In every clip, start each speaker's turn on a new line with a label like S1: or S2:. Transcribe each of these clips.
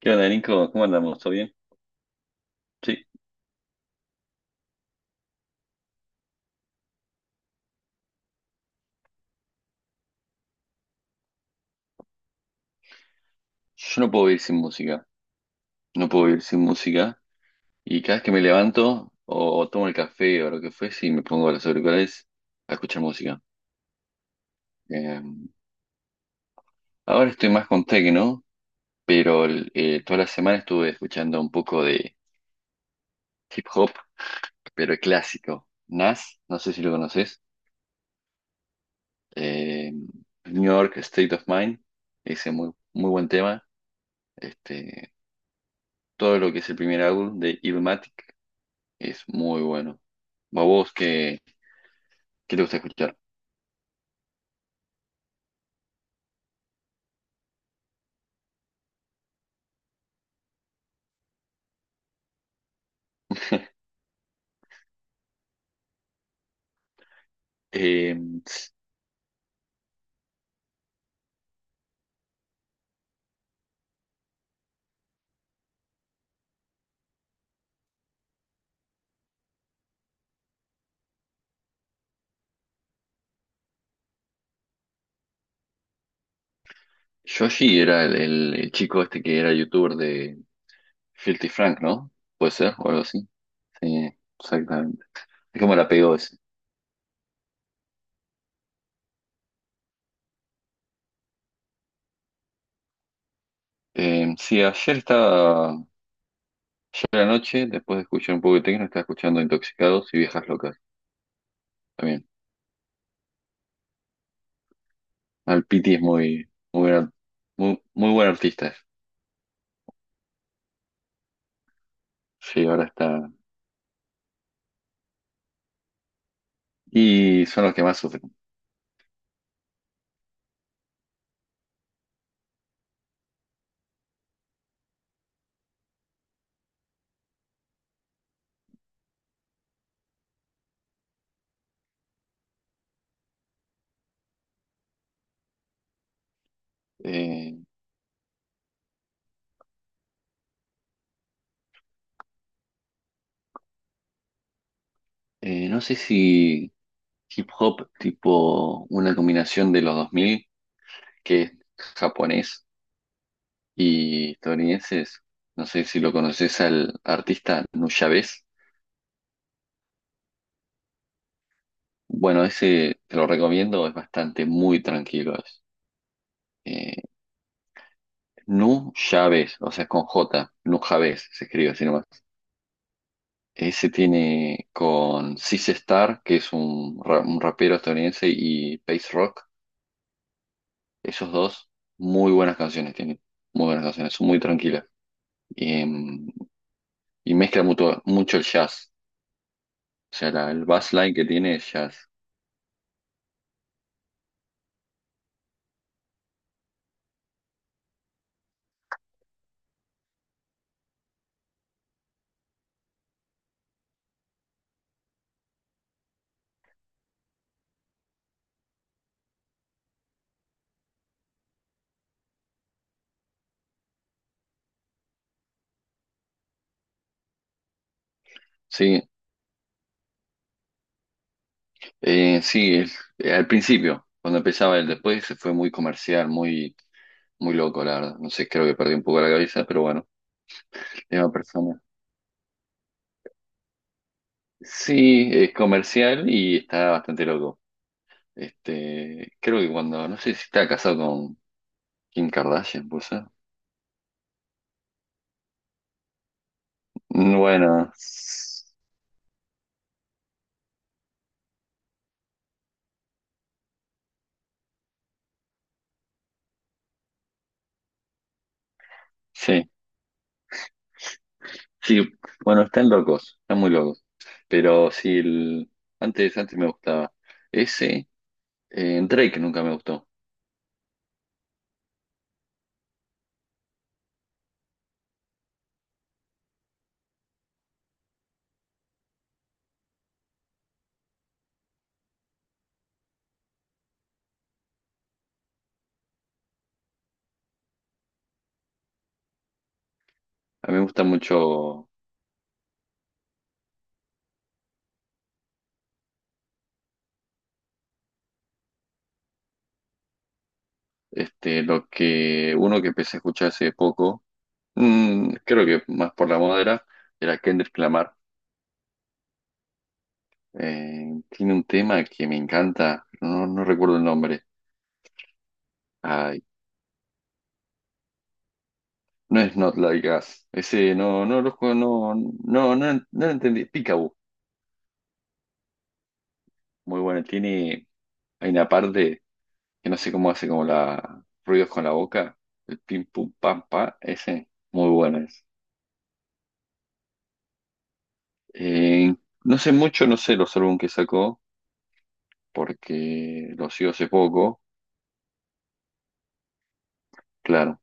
S1: ¿Qué onda, Nico? ¿Cómo andamos? ¿Todo bien? Sí, yo no puedo vivir sin música. No puedo vivir sin música. Y cada vez que me levanto o tomo el café o lo que fuese y me pongo los auriculares a escuchar música. Eh, Ahora estoy más con techno, pero toda la semana estuve escuchando un poco de hip hop, pero clásico. Nas, no sé si lo conoces. eh, New York State of Mind, ese muy, muy buen tema. Este, Todo lo que es el primer álbum de Illmatic. Es muy bueno. ¿A vos qué te gusta escuchar? Eh, Yoshi era el chico este que era youtuber de Filthy Frank, ¿no? ¿Puede ser? O algo así. Sí, exactamente. Es como la pegó ese. Sí, ayer a la noche, después de escuchar un poco de techno, estaba escuchando Intoxicados y Viejas Locas también. Al Piti es muy, muy buen artista. Sí, ahora está. Y son los que más sufren. Eh, no sé si hip hop, tipo una combinación de los 2000 que es japonés y estadounidenses. No sé si lo conoces al artista Nuyabes. Bueno, ese te lo recomiendo, es bastante muy tranquilo. Eh, Nujabes, o sea, es con J, Nujabes se escribe así nomás. Ese tiene con Sis Star, que es un rapero estadounidense, y Pace Rock. Esos dos, muy buenas canciones tienen. Muy buenas canciones, son muy tranquilas. Eh, y mezcla mucho, mucho el jazz. O sea, el bassline que tiene es jazz. Sí, sí, al principio, cuando empezaba él, después se fue muy comercial, muy, muy loco, la verdad. No sé, creo que perdí un poco la cabeza, pero bueno, es una persona. Sí, es comercial y está bastante loco. Creo que no sé si está casado con Kim Kardashian, pues. Bueno, sí, sí, bueno, están locos, están muy locos. Pero sí, antes me gustaba. Ese. Drake nunca me gustó. A mí me gusta mucho lo que uno que empecé a escuchar hace poco, creo que más por la moda era Kendrick Lamar. Tiene un tema que me encanta, no recuerdo el nombre. Ay, no es Not Like Us. Ese no, no, no, no, no lo entendí. Peekaboo. Muy bueno. Hay una parte que no sé cómo hace como la ruidos con la boca. El pim pum pam pa. Ese, muy bueno. Eh, no sé mucho, no sé los álbumes que sacó, porque los sigo hace poco, claro,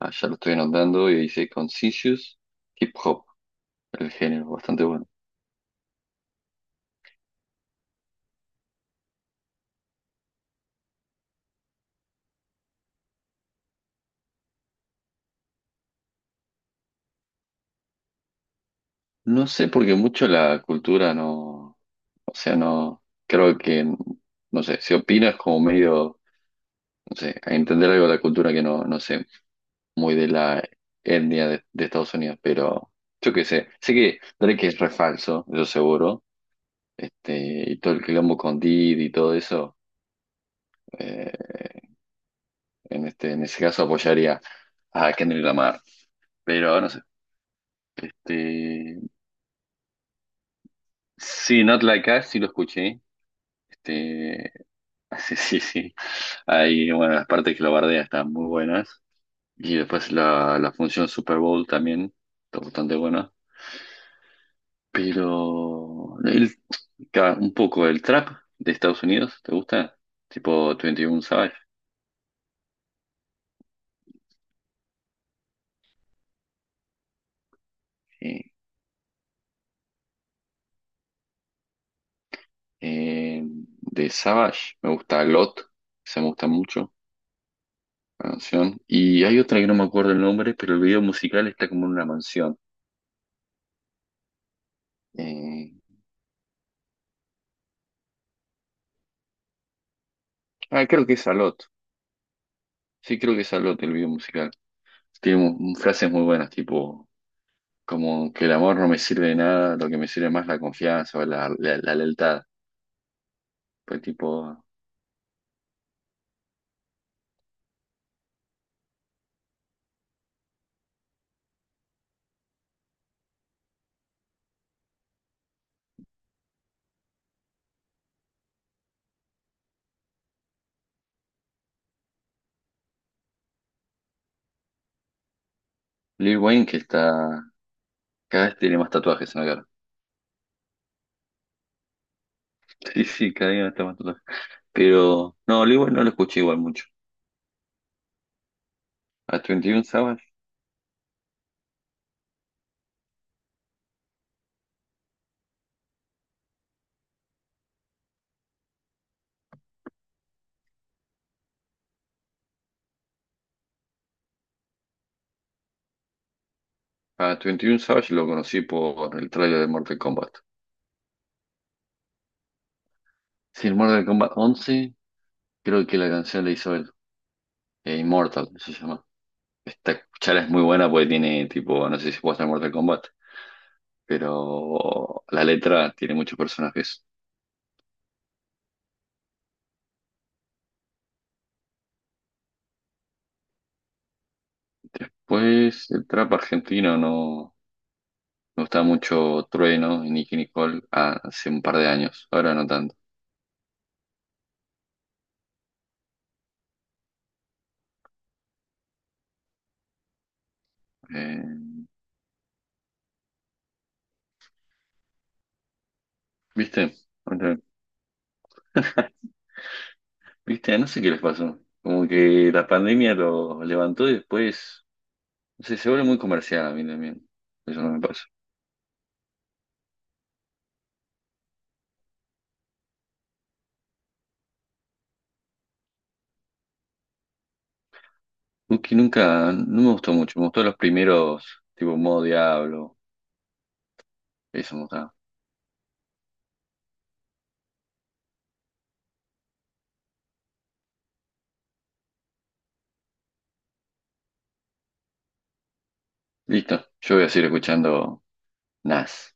S1: allá lo estoy anotando y dice Conscious Hip Hop, el género, bastante bueno. No sé porque mucho la cultura no, o sea, no, creo que, no sé, si opinas como medio, no sé, a entender algo de la cultura que no, no sé, muy de la etnia de Estados Unidos, pero yo qué sé, sé que Drake es re falso, eso seguro, este, y todo el quilombo con Diddy y todo eso. Eh, en ese caso apoyaría a Kendrick Lamar. Pero no sé. Este, sí, Not Like Us sí lo escuché. Este, sí, sí, sí. Ahí, bueno, las partes que lo bardea están muy buenas. Y después la función Super Bowl también está bastante buena. Pero un poco el trap de Estados Unidos, ¿te gusta? Tipo 21 Savage. Sí. De Savage me gusta Lot, se me gusta mucho. Mansión. Y hay otra que no me acuerdo el nombre, pero el video musical está como en una mansión. Eh, Creo que es Alot. Sí, creo que es Alot el video musical. Tiene frases muy buenas, tipo, como que el amor no me sirve de nada, lo que me sirve más es la confianza o la lealtad. Pues tipo, Lil Wayne que está, cada vez tiene más tatuajes en la cara. Sí, sí, cada día está más tatuajes. Pero, no, Lil Wayne no lo escuché igual mucho. A Twenty One Savage, a Twenty One Savage lo conocí por el trailer de Mortal Kombat. Sí, el Mortal Kombat 11. Creo que la canción de Isabel, Immortal, se llama. Esta charla es muy buena porque tiene tipo, no sé si puede estar Mortal Kombat, pero la letra tiene muchos personajes. Después, el trap argentino no me gustaba mucho Trueno y Nicki Nicole hace un par de años, ahora no tanto. Eh, ¿Viste? Ahora- ¿Viste? No sé qué les pasó. Como que la pandemia lo levantó y después, no sé, se vuelve muy comercial a mí también. Eso no me pasa. Uki nunca, no me gustó mucho, me gustó los primeros, tipo modo Diablo, eso me gustaba. Listo, yo voy a seguir escuchando Nas.